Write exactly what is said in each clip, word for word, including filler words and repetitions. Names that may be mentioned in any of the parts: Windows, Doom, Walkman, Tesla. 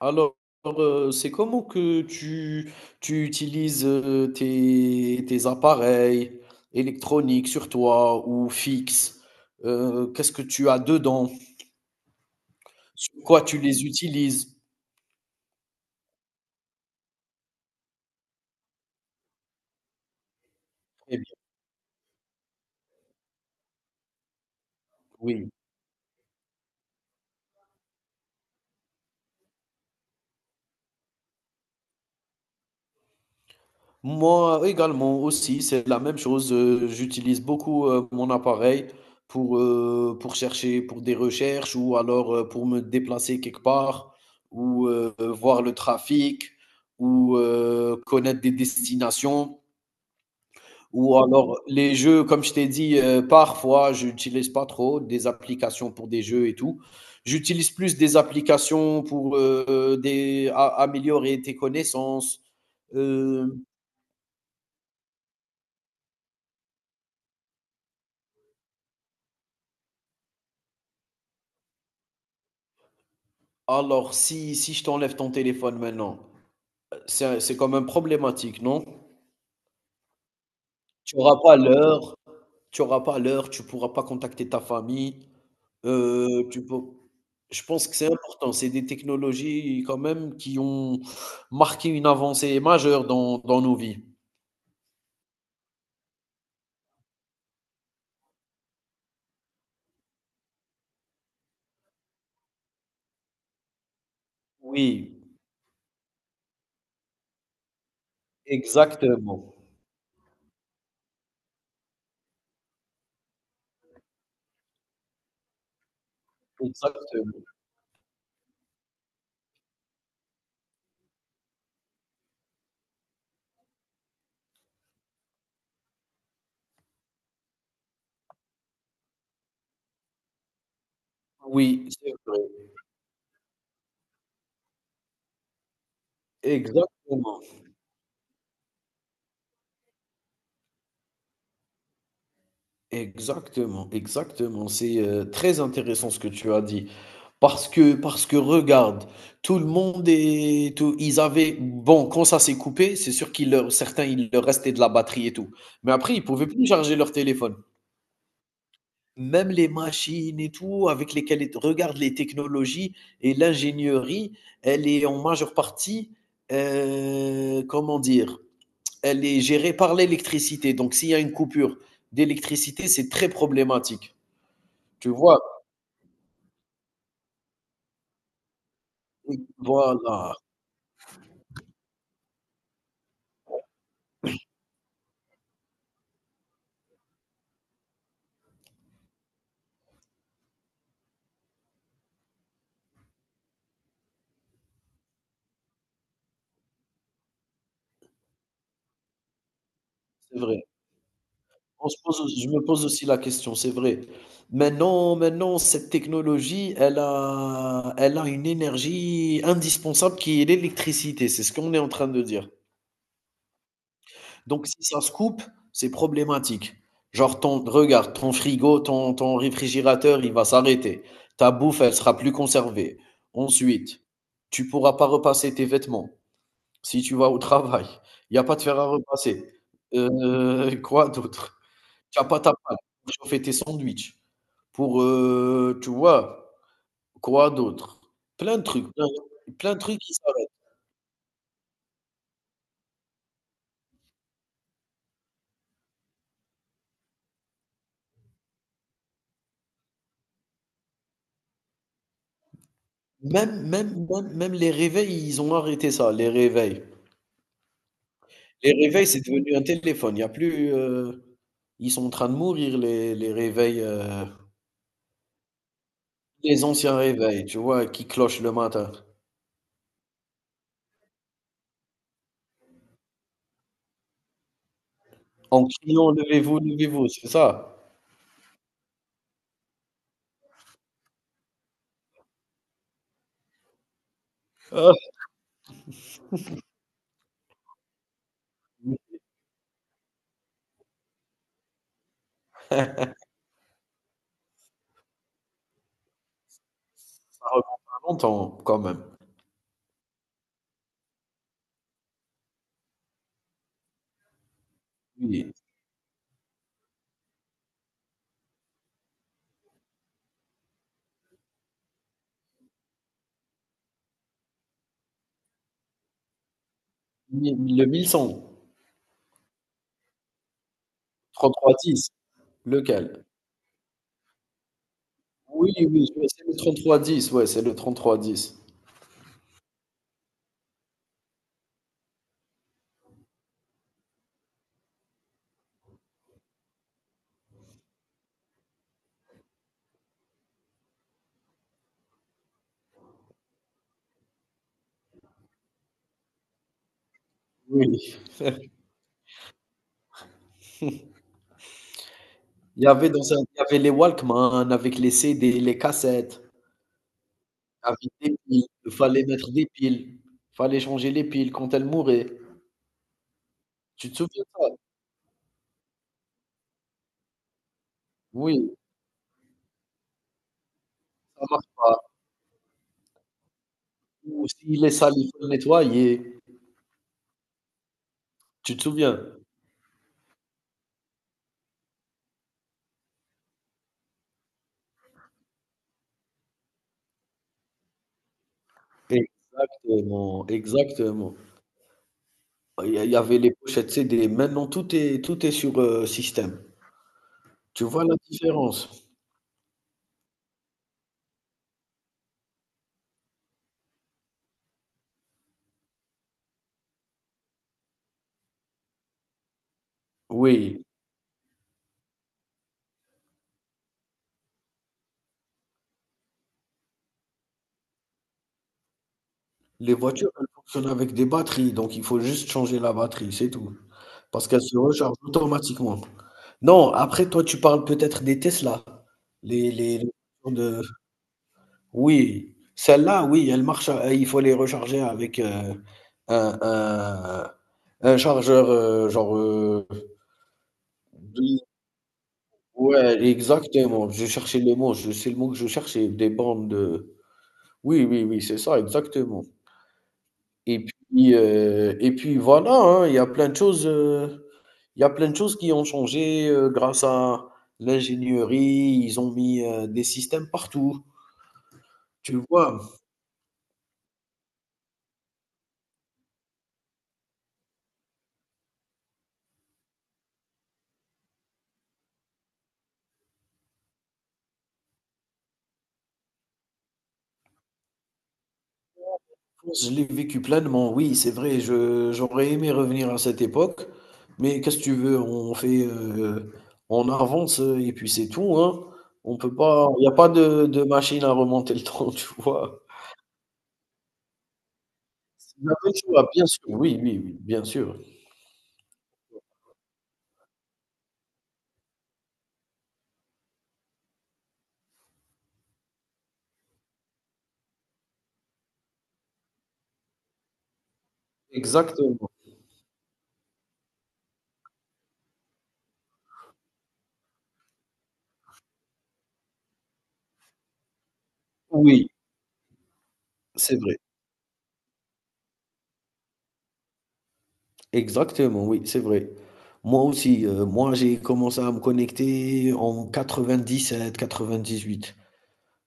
Alors, heu, c'est comment que tu tu utilises, heu, tes tes appareils électroniques sur toi ou fixes? Heu, qu'est-ce que tu as dedans? Sur quoi tu les utilises? Très bien, oui. Moi également aussi, c'est la même chose. Euh, j'utilise beaucoup euh, mon appareil pour, euh, pour chercher pour des recherches ou alors euh, pour me déplacer quelque part ou euh, voir le trafic ou euh, connaître des destinations ou alors les jeux, comme je t'ai dit, euh, parfois je n'utilise pas trop des applications pour des jeux et tout. J'utilise plus des applications pour euh, des, a- améliorer tes connaissances. euh, Alors, si, si je t'enlève ton téléphone maintenant, heu, c'est c'est quand même problématique, non? Tu auras pas l'heure tu auras pas l'heure, tu pourras pas contacter ta famille, heu, tu peux, je pense que c'est important, c'est des technologies quand même qui ont marqué une avancée majeure dans dans nos vies. Oui, exactement, exactement. Oui, c'est vrai, exactement. Exactement, exactement. C'est euh, très intéressant ce que tu as dit. Parce que, parce que regarde, tout le monde est, tout- ils avaient, bon, quand ça s'est coupé, c'est sûr qu'il leur, certains, il leur restait de la batterie et tout. Mais après, ils pouvaient plus charger leur téléphone. Même les machines et tout, avec lesquelles, est- regarde les technologies et l'ingénierie, elle est en majeure partie, euh, comment dire, elle est gérée par l'électricité. Donc, s'il y a une coupure d'électricité, c'est très problématique. Tu vois? Oui, voilà, c'est vrai. On se pose Je me pose aussi la question, c'est vrai. Maintenant maintenant cette technologie, elle a elle a une énergie indispensable qui est l'électricité, c'est ce qu'on est en train de dire. Donc si ça se coupe, c'est problématique. Genre ton regarde, ton frigo, ton ton réfrigérateur, il va s'arrêter. Ta bouffe, elle sera plus conservée. Ensuite, tu pourras pas repasser tes vêtements. Si tu vas au travail, il y a pas de fer à repasser. Heu, quoi d'autre? Tu as pas ta panne pour chauffer tes sandwichs, pour, heu, tu vois? Quoi d'autre? Plein de trucs, plein plein de trucs qui s'arrêtent. Même même même même les réveils, ils ont arrêté ça, les réveils. Les réveils, c'est devenu un téléphone. Il y a plus, heu, ils sont en train de mourir les les réveils, heu, les anciens réveils, tu vois? Qui clochent le matin en criant: «Levez-vous, levez-vous», c'est ça. Ah. Ça remonte à longtemps quand même. Oui, mi- le onze cents, trente-trois dix, lequel? Oui, oui, je vois, c'est le trente-trois dix, ouais, c'est le trente-trois dix. Oui. Il y avait dans un il y avait les Walkman avec les C D, les cassettes, avec des piles. Il fallait mettre des piles, fallait changer les piles quand elles mouraient. Tu te souviens de ça? Oui, ça marche pas. Ou s'il est sale, il faut le nettoyer. Tu te souviens? Exactement, exactement. Il y a il y avait les pochettes C D. Maintenant, tout est tout est sur, heu, système. Tu vois la différence? Oui, les voitures, elles fonctionnent avec des batteries, donc il faut juste changer la batterie, c'est tout. Parce qu'elles se rechargent automatiquement. Non, après toi, tu parles peut-être des Tesla. Les les les voitures de, oui, celles-là, oui, elles marchent à, il faut les recharger avec, heu, un un un chargeur, heu, genre, heu, de Ouais, exactement. Je cherchais le mot, je c'est le mot que je cherchais, des bandes de, oui, oui, oui, c'est ça, exactement. Et puis, heu et puis voilà, hein, il y a plein de choses, heu, il y a plein de choses qui ont changé, heu, grâce à l'ingénierie. Ils ont mis, heu, des systèmes partout, tu vois? Je l'ai vécu pleinement, oui, c'est vrai. Je, j'aurais aimé revenir à cette époque, mais qu'est-ce que tu veux? On fait, euh, on avance euh, et puis c'est tout, hein. On peut pas, il n'y a pas de, de machine à remonter le temps, tu vois. C'est la même chose, bien sûr. Oui, oui, oui, bien sûr. Exactement. Oui, c'est vrai. Exactement, oui, c'est vrai. Moi aussi, euh, moi j'ai commencé à me connecter en quatre-vingt-dix quatre-vingt-dix-huit.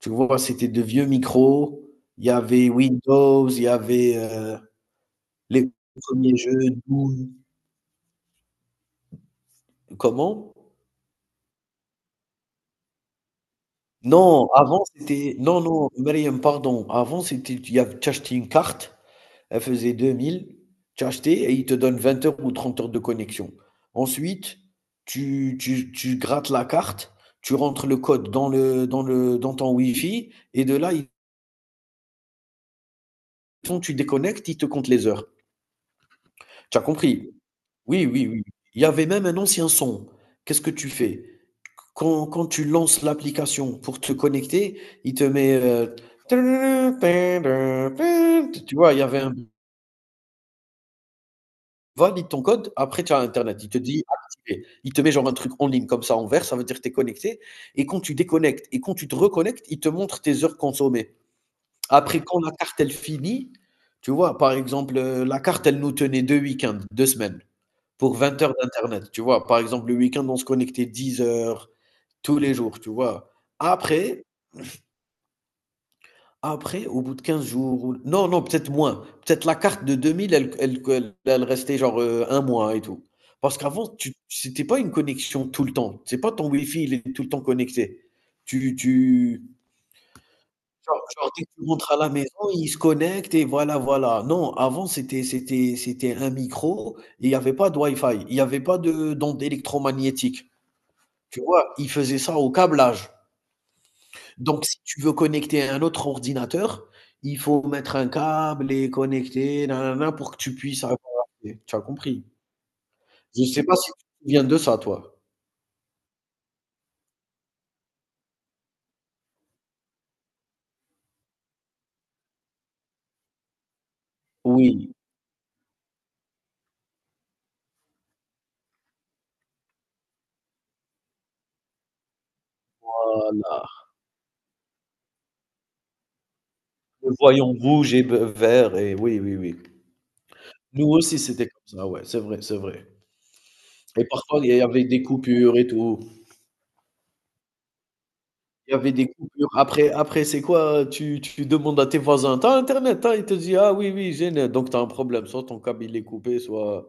Tu vois, c'était de vieux micros. Il y avait Windows, il y avait, heu, les premiers jeux Doom, comment? Non, avant c'était, non, non, Meriem, pardon. Avant c'était, il y av tu achetais une carte, elle faisait deux mille, tu achetais et ils te donnent vingt heures ou trente heures de connexion. Ensuite, tu tu tu grattes la carte, tu rentres le code dans le dans le dans ton Wi-Fi et de là, ils te font tu déconnectes, ils te comptent les heures. Tu as compris? Oui, oui, oui. Il y avait même un ancien son. Qu'est-ce que tu fais? Quand quand tu lances l'application pour te connecter, il te met, heu, tu vois? Il y avait un valide ton code, après tu as internet. Il te dit: «Activé». Il te met genre un truc en ligne comme ça en vert, ça veut dire que tu es connecté et quand tu déconnectes et quand tu te reconnectes, il te montre tes heures consommées. Après quand la carte elle finit, tu vois? Par exemple, heu, la carte elle nous tenait deux week-ends, deux semaines. Pour vingt heures d'internet, tu vois? Par exemple, le week-end, on se connectait dix heures tous les jours, tu vois? Après après, au bout de quinze jours ou, non, non, peut-être moins. Peut-être la carte de deux mille, elle elle elle elle restait genre, heu, un mois et tout. Parce qu'avant, tu c'était pas une connexion tout le temps. C'est pas ton Wi-Fi, il est tout le temps connecté. Tu tu genre genre dès que tu rentres à la maison, il se connecte et voilà, voilà. Non, avant, c'était c'était c'était un micro et il y avait pas de Wi-Fi. Il y avait pas de d'ondes électromagnétique. Tu vois? Ils faisaient ça au câblage. Donc si tu veux connecter un autre ordinateur, il faut mettre un câble et connecter nanana pour que tu puisses avoir accès. Tu as compris? Je sais pas si tu te souviens de ça, toi? Oui, voilà, le voyant rouge et b vert et oui, oui, oui. Nous aussi, c'était comme ça, ouais, c'est vrai, c'est vrai, et parfois, il y avait des coupures et tout. Il y avait des coupures. Après après, c'est quoi? Tu tu demandes à tes voisins: t'as internet, hein?» Il te dit: «Ah oui, oui, j'ai net». Donc t'as un problème, soit ton câble il est coupé, soit,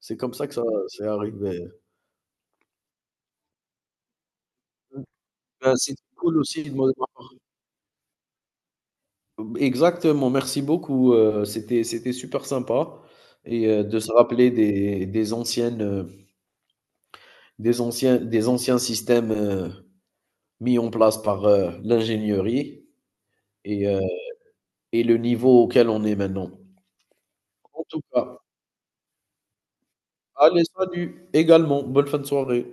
c'est comme ça que ça c'est arrivé. Bah, c'était cool aussi de mon part. Exactement, merci beaucoup, heu, c'était c'était super sympa et heu, de se rappeler des des anciennes, heu, des anciens des anciens systèmes, heu, mis en place par, heu, l'ingénierie et heu et le niveau auquel on est maintenant. En tout cas, allez salut également, bonne fin de soirée.